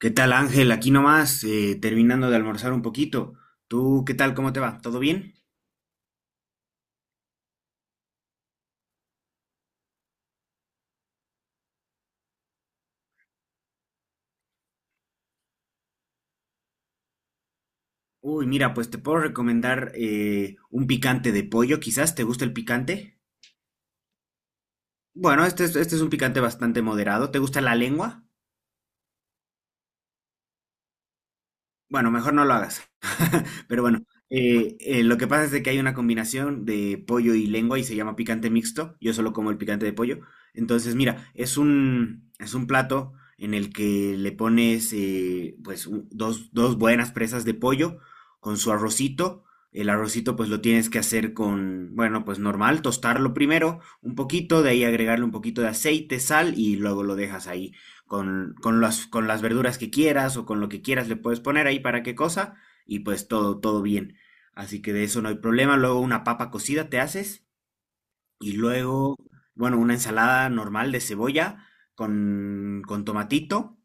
¿Qué tal, Ángel? Aquí nomás, terminando de almorzar un poquito. ¿Tú qué tal? ¿Cómo te va? ¿Todo bien? Uy, mira, pues te puedo recomendar un picante de pollo, quizás. ¿Te gusta el picante? Bueno, este es un picante bastante moderado. ¿Te gusta la lengua? Bueno, mejor no lo hagas. Pero bueno, lo que pasa es de que hay una combinación de pollo y lengua y se llama picante mixto. Yo solo como el picante de pollo. Entonces, mira, es un plato en el que le pones pues dos buenas presas de pollo con su arrocito. El arrocito pues lo tienes que hacer con, bueno, pues normal, tostarlo primero un poquito, de ahí agregarle un poquito de aceite, sal y luego lo dejas ahí con las verduras que quieras o con lo que quieras le puedes poner ahí para qué cosa y pues todo bien. Así que de eso no hay problema. Luego una papa cocida te haces y luego, bueno, una ensalada normal de cebolla con tomatito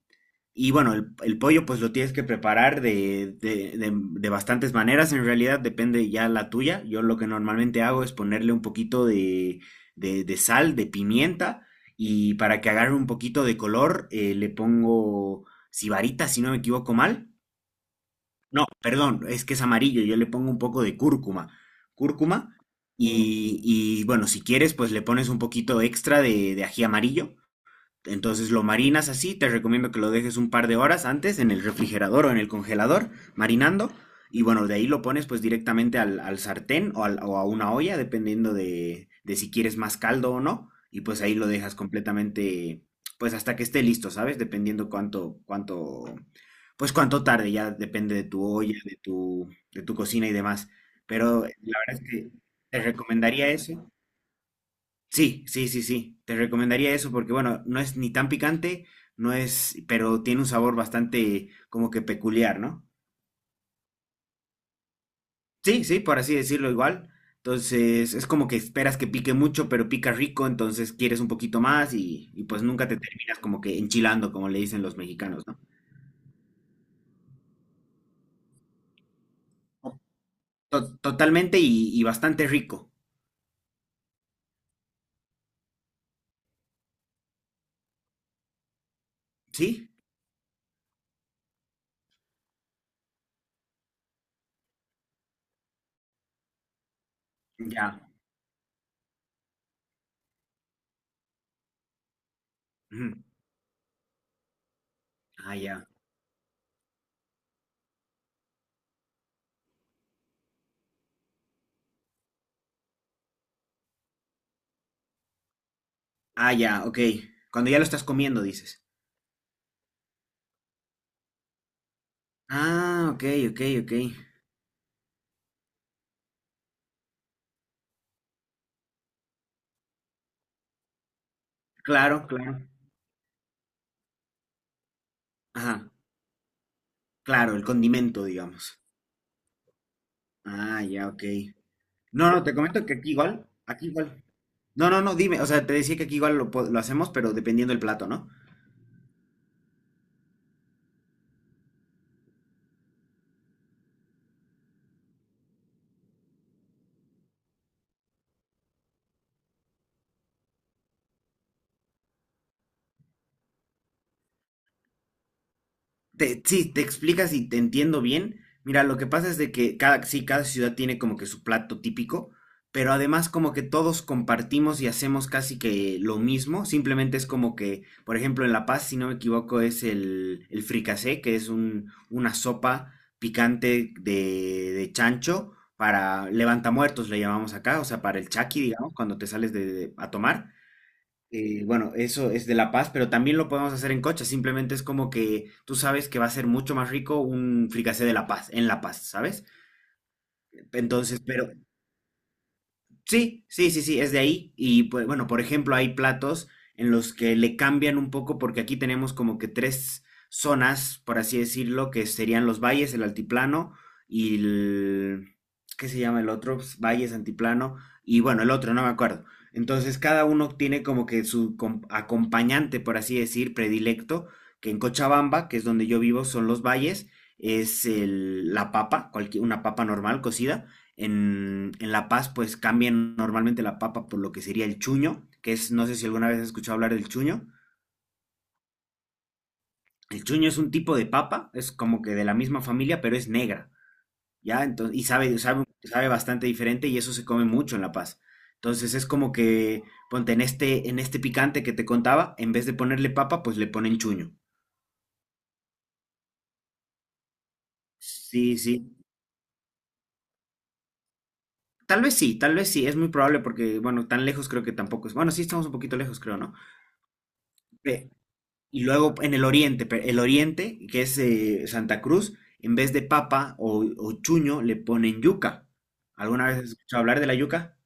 y bueno, el pollo pues lo tienes que preparar de bastantes maneras, en realidad depende ya la tuya. Yo lo que normalmente hago es ponerle un poquito de, de sal, de pimienta, y para que agarre un poquito de color le pongo sibarita, si no me equivoco mal. No, perdón, es que es amarillo, yo le pongo un poco de cúrcuma. Cúrcuma, y bueno, si quieres pues le pones un poquito extra de ají amarillo. Entonces lo marinas así, te recomiendo que lo dejes un par de horas antes en el refrigerador o en el congelador, marinando. Y bueno, de ahí lo pones pues directamente al sartén o, o a una olla, dependiendo de si quieres más caldo o no. Y pues ahí lo dejas completamente, pues hasta que esté listo, ¿sabes? Dependiendo cuánto, pues cuánto tarde, ya depende de tu olla, de tu cocina y demás. Pero la verdad es que te recomendaría eso. Sí, sí, sí, sí. Te recomendaría eso porque, bueno, no es ni tan picante, no es, pero tiene un sabor bastante como que peculiar, ¿no? Sí, sí, por así decirlo igual. Entonces, es como que esperas que pique mucho, pero pica rico, entonces quieres un poquito más y pues nunca te terminas como que enchilando, como le dicen los mexicanos, ¿no? To- totalmente y bastante rico, ¿sí? Ya. Ujú. Ah, ya. Ah, ya, ok. Cuando ya lo estás comiendo, dices. Ah, ok, ok, ok. Claro, claro. Ajá. Claro, el condimento, digamos. Ah, ya, ok. No, no, te comento que aquí igual, aquí igual. No, no, no, dime, o sea, te decía que aquí igual lo hacemos, pero dependiendo del plato, ¿no? Sí, te explicas y te entiendo bien. Mira, lo que pasa es de que cada, sí, cada ciudad tiene como que su plato típico, pero además como que todos compartimos y hacemos casi que lo mismo. Simplemente es como que, por ejemplo, en La Paz, si no me equivoco, es el fricasé, que es un, una sopa picante de chancho para levantamuertos, le llamamos acá, o sea, para el chaki, digamos, cuando te sales de, a tomar. Bueno, eso es de La Paz, pero también lo podemos hacer en coche. Simplemente es como que tú sabes que va a ser mucho más rico un fricasé de La Paz, en La Paz, ¿sabes? Entonces, pero sí, sí, sí, sí, es de ahí. Y pues, bueno, por ejemplo, hay platos en los que le cambian un poco porque aquí tenemos como que tres zonas, por así decirlo, que serían los valles, el altiplano y el... ¿Qué se llama el otro? Pues, Valles, antiplano y bueno, el otro, no me acuerdo. Entonces, cada uno tiene como que su acompañante, por así decir, predilecto, que en Cochabamba, que es donde yo vivo, son los valles, es la papa, cualquier, una papa normal cocida en La Paz pues cambian normalmente la papa por lo que sería el chuño, que es, no sé si alguna vez has escuchado hablar del chuño. El chuño es un tipo de papa, es como que de la misma familia, pero es negra, ¿ya? Entonces, y sabe bastante diferente y eso se come mucho en La Paz. Entonces es como que, ponte, en este picante que te contaba, en vez de ponerle papa, pues le ponen chuño. Sí, sí. Tal vez sí, tal vez sí, es muy probable porque, bueno, tan lejos creo que tampoco es. Bueno, sí estamos un poquito lejos, creo, ¿no? Pe- y luego en el oriente, el oriente, que es Santa Cruz, en vez de papa o chuño, le ponen yuca. ¿Alguna vez has escuchado hablar de la yuca?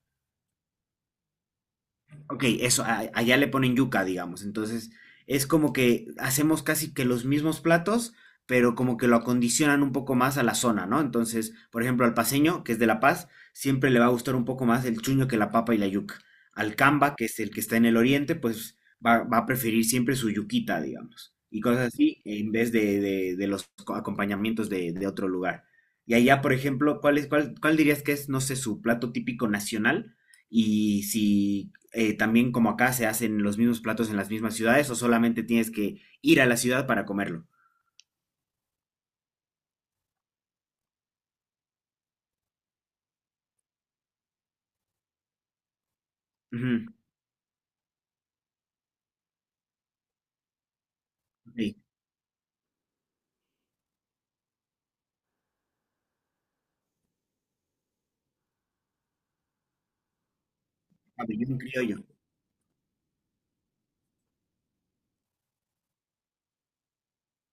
Ok, eso, allá le ponen yuca, digamos. Entonces, es como que hacemos casi que los mismos platos, pero como que lo acondicionan un poco más a la zona, ¿no? Entonces, por ejemplo, al paceño, que es de La Paz, siempre le va a gustar un poco más el chuño que la papa y la yuca. Al camba, que es el que está en el oriente, pues va a preferir siempre su yuquita, digamos. Y cosas así, en vez de, de los acompañamientos de otro lugar. Y allá, por ejemplo, ¿cuál dirías que es, no sé, su plato típico nacional? Y si también como acá se hacen los mismos platos en las mismas ciudades o solamente tienes que ir a la ciudad para comerlo. Ujú, sí, pabellón criollo.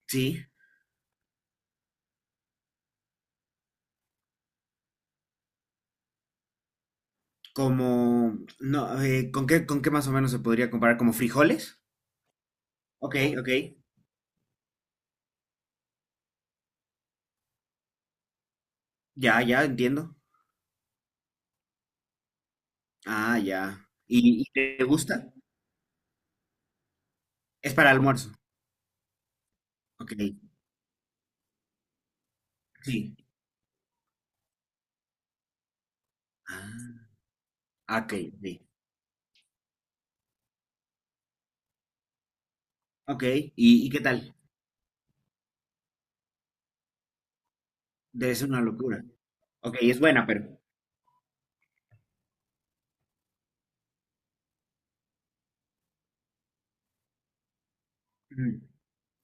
Sí, como, no, con qué más o menos se podría comparar? ¿Como frijoles? Ok, ok, ya, ya, entiendo. Ah, ya. Y te gusta? Es para almuerzo. Ok, sí. Ah, ok, sí. Ok, y qué tal? Debe ser una locura. Ok, es buena, pero... Ujú,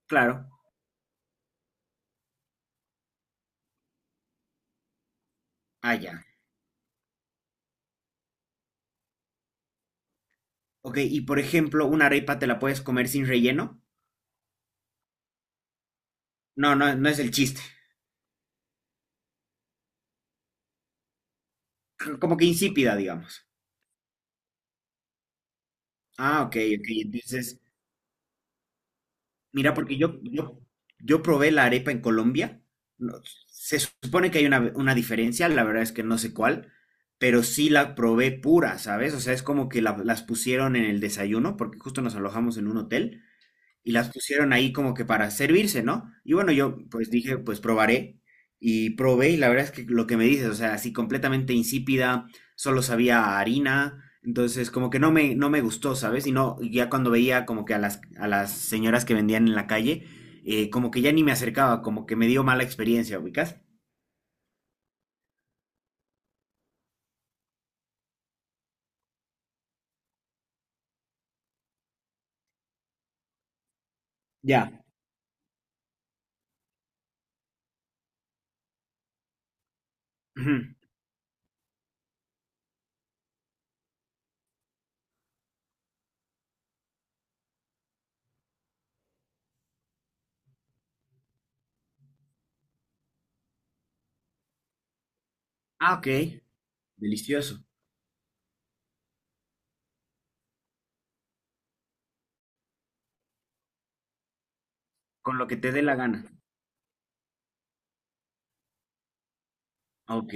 claro. Ah, ya. Ok, y por ejemplo, una arepa te la puedes comer sin relleno. No, no, no es el chiste. Como que insípida, digamos. Ah, ok, ok. Entonces, mira, porque yo probé la arepa en Colombia. No, se supone que hay una diferencia, la verdad es que no sé cuál, pero sí la probé pura, ¿sabes? O sea, es como que las pusieron en el desayuno, porque justo nos alojamos en un hotel. Y las pusieron ahí como que para servirse, ¿no? Y bueno, yo pues dije, pues probaré y probé y la verdad es que lo que me dices, o sea, así completamente insípida, solo sabía a harina, entonces como que no me gustó, ¿sabes? Y no, y ya cuando veía como que a a las señoras que vendían en la calle, como que ya ni me acercaba, como que me dio mala experiencia, ¿ubicas? Ya. Ujú. Ah, ok. Delicioso. Con lo que te dé la gana. Ok.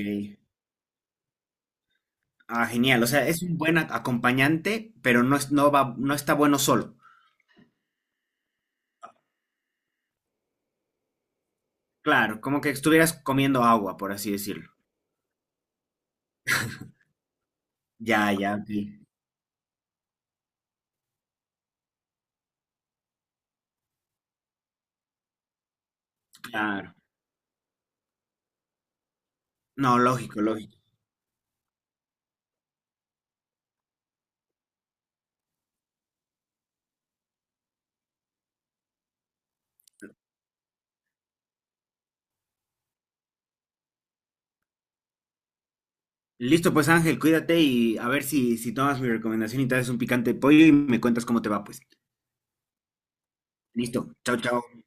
Ah, genial. O sea, es un buen acompañante, pero no es, no va, no está bueno solo. Claro, como que estuvieras comiendo agua, por así decirlo. Ya, ya, ok. Claro. No, lógico, lógico. Listo, pues Ángel, cuídate y a ver si, si tomas mi recomendación y traes un picante de pollo y me cuentas cómo te va, pues. Listo. Chao, chao.